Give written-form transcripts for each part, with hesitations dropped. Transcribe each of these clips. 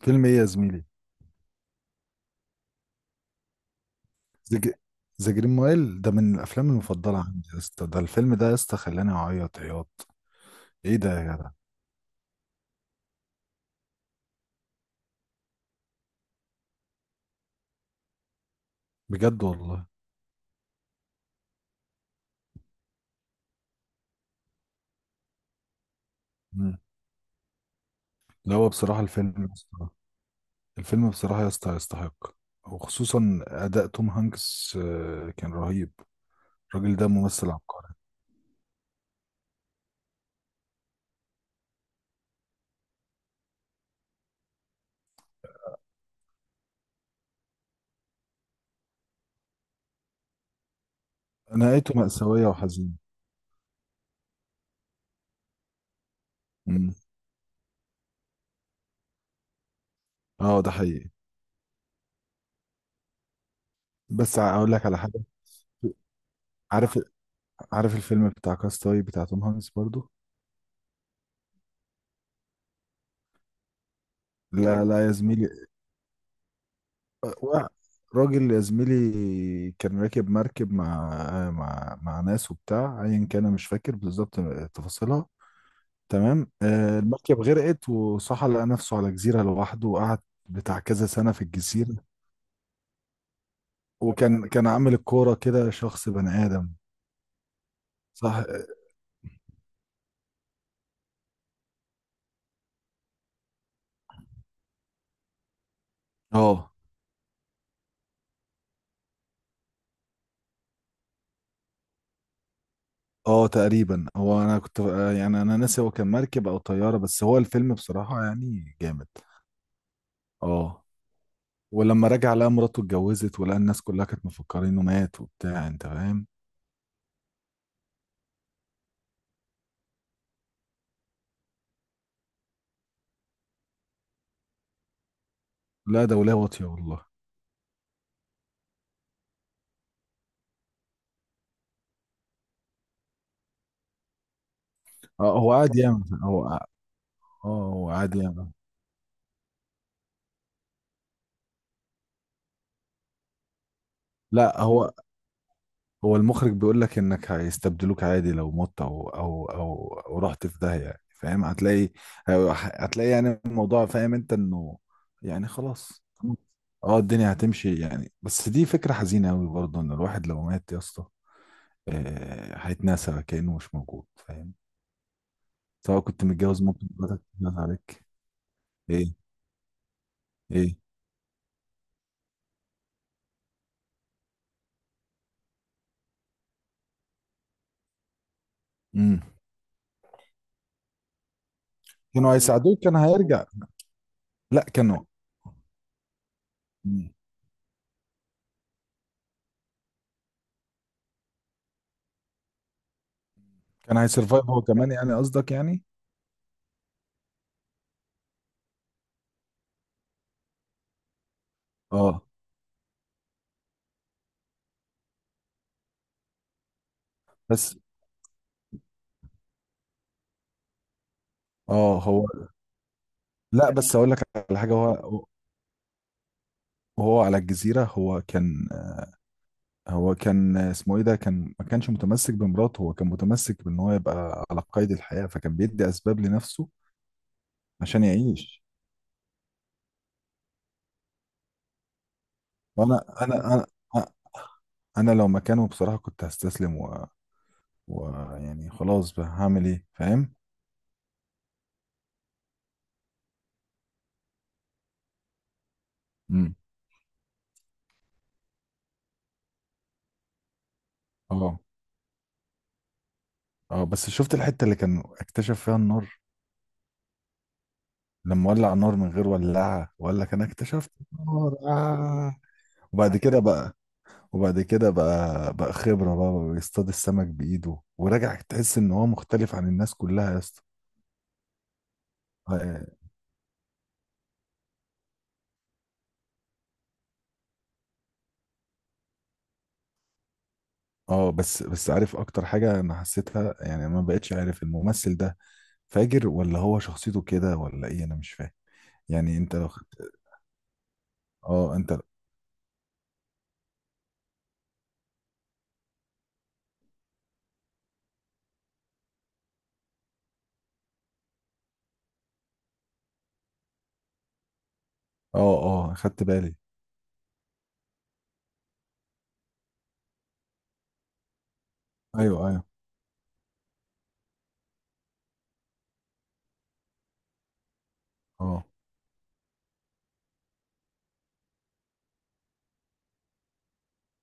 فيلم ايه يا زميلي؟ ذا ج- ذا جرين مايل ده من الافلام المفضله عندي يا اسطى. ده الفيلم ده يا اسطى خلاني اعيط عياط. ايه ده يا جدع؟ بجد والله. مم. لا هو بصراحه الفيلم يا اسطى، الفيلم بصراحه يا اسطى يستحق، وخصوصا اداء توم هانكس كان رهيب. الراجل ده ممثل عبقري. نهايته مأساويه وحزينه. مم. اه ده حقيقي، بس اقول لك على حاجه. عارف، عارف الفيلم بتاع كاستاوي بتاع توم هانكس برضو؟ لا لا يا زميلي. وا- راجل يا زميلي كان راكب مركب مع ناس وبتاع، ايا كان أنا مش فاكر بالظبط تفاصيلها. تمام، المركب غرقت وصحى لقى نفسه على جزيرة لوحده، وقعد بتاع كذا سنة في الجزيرة. وكان عامل الكورة كده شخص بني آدم. صح. اه، اه تقريبا. هو انا كنت يعني، انا ناسي هو كان مركب او طيارة، بس هو الفيلم بصراحة يعني جامد. اه. ولما رجع لقى مراته اتجوزت، ولقى الناس كلها كانت مفكرين انه مات وبتاع، انت فاهم. لا ده ولا واطيه والله. اه هو قاعد يعمل، هو هو قاعد يعمل. لا هو هو المخرج بيقول لك انك هيستبدلوك عادي لو مت أو رحت في داهيه، يعني فاهم، هتلاقي، هتلاقي يعني الموضوع، فاهم انت انه يعني خلاص. اه الدنيا هتمشي يعني. بس دي فكره حزينه قوي برضه ان الواحد لو مات يا اسطى، هيتنسى كانه مش موجود، فاهم؟ سواء كنت متجوز، ممكن مراتك تتجوز عليك. ايه؟ ايه؟ امم، كانوا هيساعدوه، كان هيرجع. لا كانوا. مم. كان هيسرفايف هو كمان يعني، قصدك يعني. اه. بس اه هو لا بس اقول لك على حاجه هو، وهو على الجزيره هو كان، اسمه ايه ده، كان ما كانش متمسك بمراته، هو كان متمسك بان هو يبقى على قيد الحياه، فكان بيدي اسباب لنفسه عشان يعيش. وانا انا لو مكانه بصراحه كنت هستسلم، ويعني خلاص بقى هعمل ايه، فاهم؟ امم. اه، اه بس شفت الحتة اللي كان اكتشف فيها النار، لما ولع النار من غير ولاعة وقال لك انا اكتشفت النار؟ آه. وبعد كده بقى وبعد كده بقى خبرة، بقى بيصطاد السمك بإيده وراجع، تحس ان هو مختلف عن الناس كلها يا اسطى. اه. آه، آه، بس بس عارف اكتر حاجة انا حسيتها؟ يعني ما بقتش عارف الممثل ده فاجر ولا هو شخصيته كده ولا ايه، انا مش فاهم. يعني انت لو خدت. اه انت. اه، اه خدت بالي. ايوه ايوه. اه.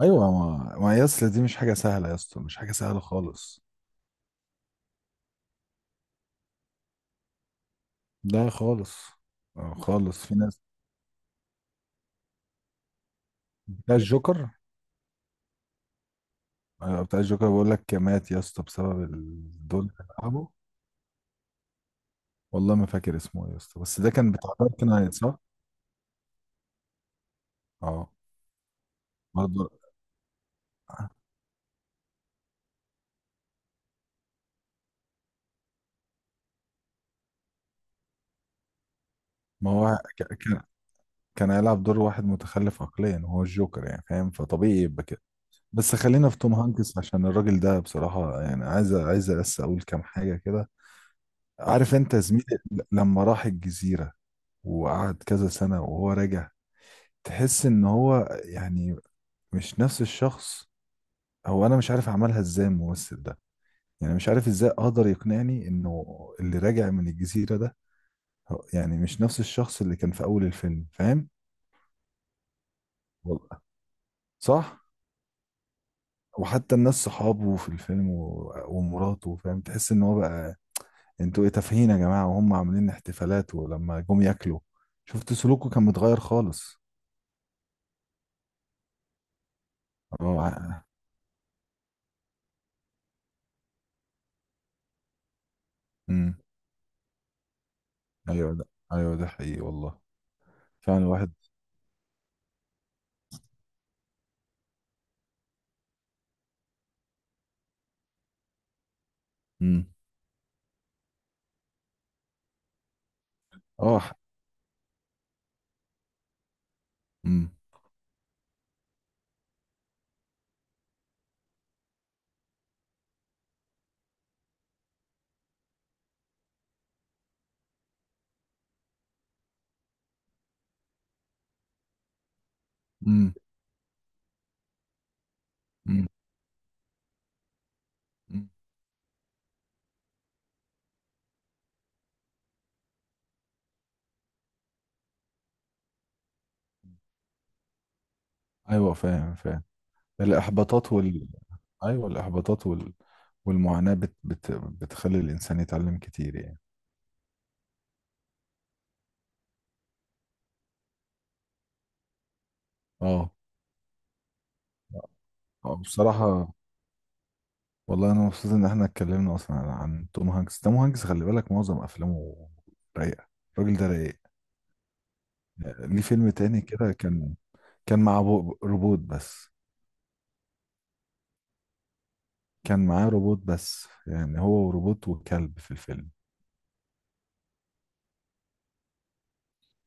ايوه ما يا اسطى دي مش حاجه سهله يا اسطى، مش حاجه سهله خالص. لا خالص. آه خالص في ناس. بتاع الجوكر. آه، بتاع الجوكر بيقول لك مات يا اسطى بسبب الدول اللي لعبه. والله ما فاكر اسمه يا اسطى، بس ده كان بتاع دارك نايت صح؟ اه. برضه. ما هو كان، كان هيلعب دور واحد متخلف عقليا، هو الجوكر يعني فاهم، فطبيعي يبقى كده. بس خلينا في توم هانكس، عشان الراجل ده بصراحة يعني عايز، بس أقول كام حاجة كده. عارف انت يا زميلي، لما راح الجزيرة وقعد كذا سنة وهو راجع، تحس ان هو يعني مش نفس الشخص. هو انا مش عارف اعملها ازاي الممثل ده، يعني مش عارف ازاي اقدر يقنعني انه اللي راجع من الجزيرة ده يعني مش نفس الشخص اللي كان في اول الفيلم، فاهم؟ والله. صح. وحتى الناس صحابه في الفيلم ومراته، فاهم، تحس ان هو بقى انتوا ايه تافهين يا جماعة، وهم عاملين احتفالات ولما جم ياكلوا شفت سلوكه كان متغير خالص. اه. امم. ايوه ده، ايوه ده حقيقي والله. فعلا الواحد. امم. اه. امم. امم. امم. أمم. ايوه فاهم فاهم. الاحباطات وال، ايوه الاحباطات وال والمعاناة بتخلي الانسان يتعلم كتير يعني. اه. آه، بصراحة والله انا مبسوط ان احنا اتكلمنا اصلا عن توم هانكس. توم هانكس خلي بالك معظم افلامه رايقة. الراجل ده رايق. ليه فيلم تاني كده، كان كان مع روبوت بس. كان معاه روبوت، بس يعني هو وروبوت وكلب في الفيلم.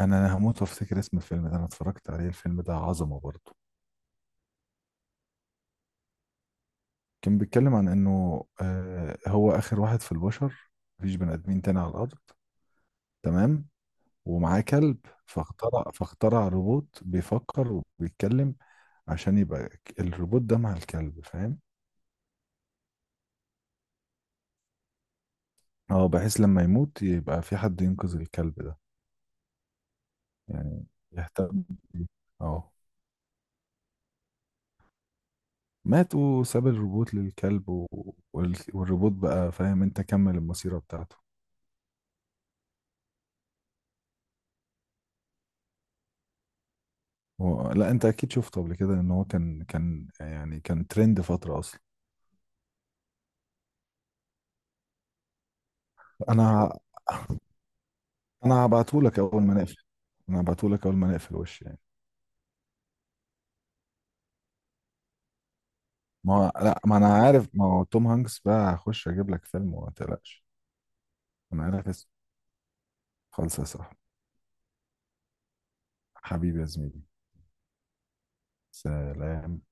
انا هموت وافتكر اسم الفيلم ده، انا اتفرجت عليه الفيلم ده عظمة برضه. كان بيتكلم عن انه آه هو اخر واحد في البشر، مفيش بني ادمين تاني على الارض، تمام؟ ومعاه كلب، فاخترع روبوت بيفكر وبيتكلم، عشان يبقى الروبوت ده مع الكلب، فاهم؟ اه، بحيث لما يموت يبقى في حد ينقذ الكلب ده، يعني يهتم بيه. اه مات وساب الروبوت للكلب والروبوت بقى فاهم انت، كمل المسيرة بتاعته. لا انت اكيد شفته قبل كده، ان هو كان يعني كان ترند فترة اصلا. انا ه- انا هبعته لك اول ما نقفل، انا هبعته لك اول ما نقفل وش يعني. ما هو... لا ما انا عارف ما هو توم هانكس بقى، هخش اجيب لك فيلم وما تقلقش. انا عارف اسمه. خلص يا صاحبي. حبيبي يا زميلي. سلام.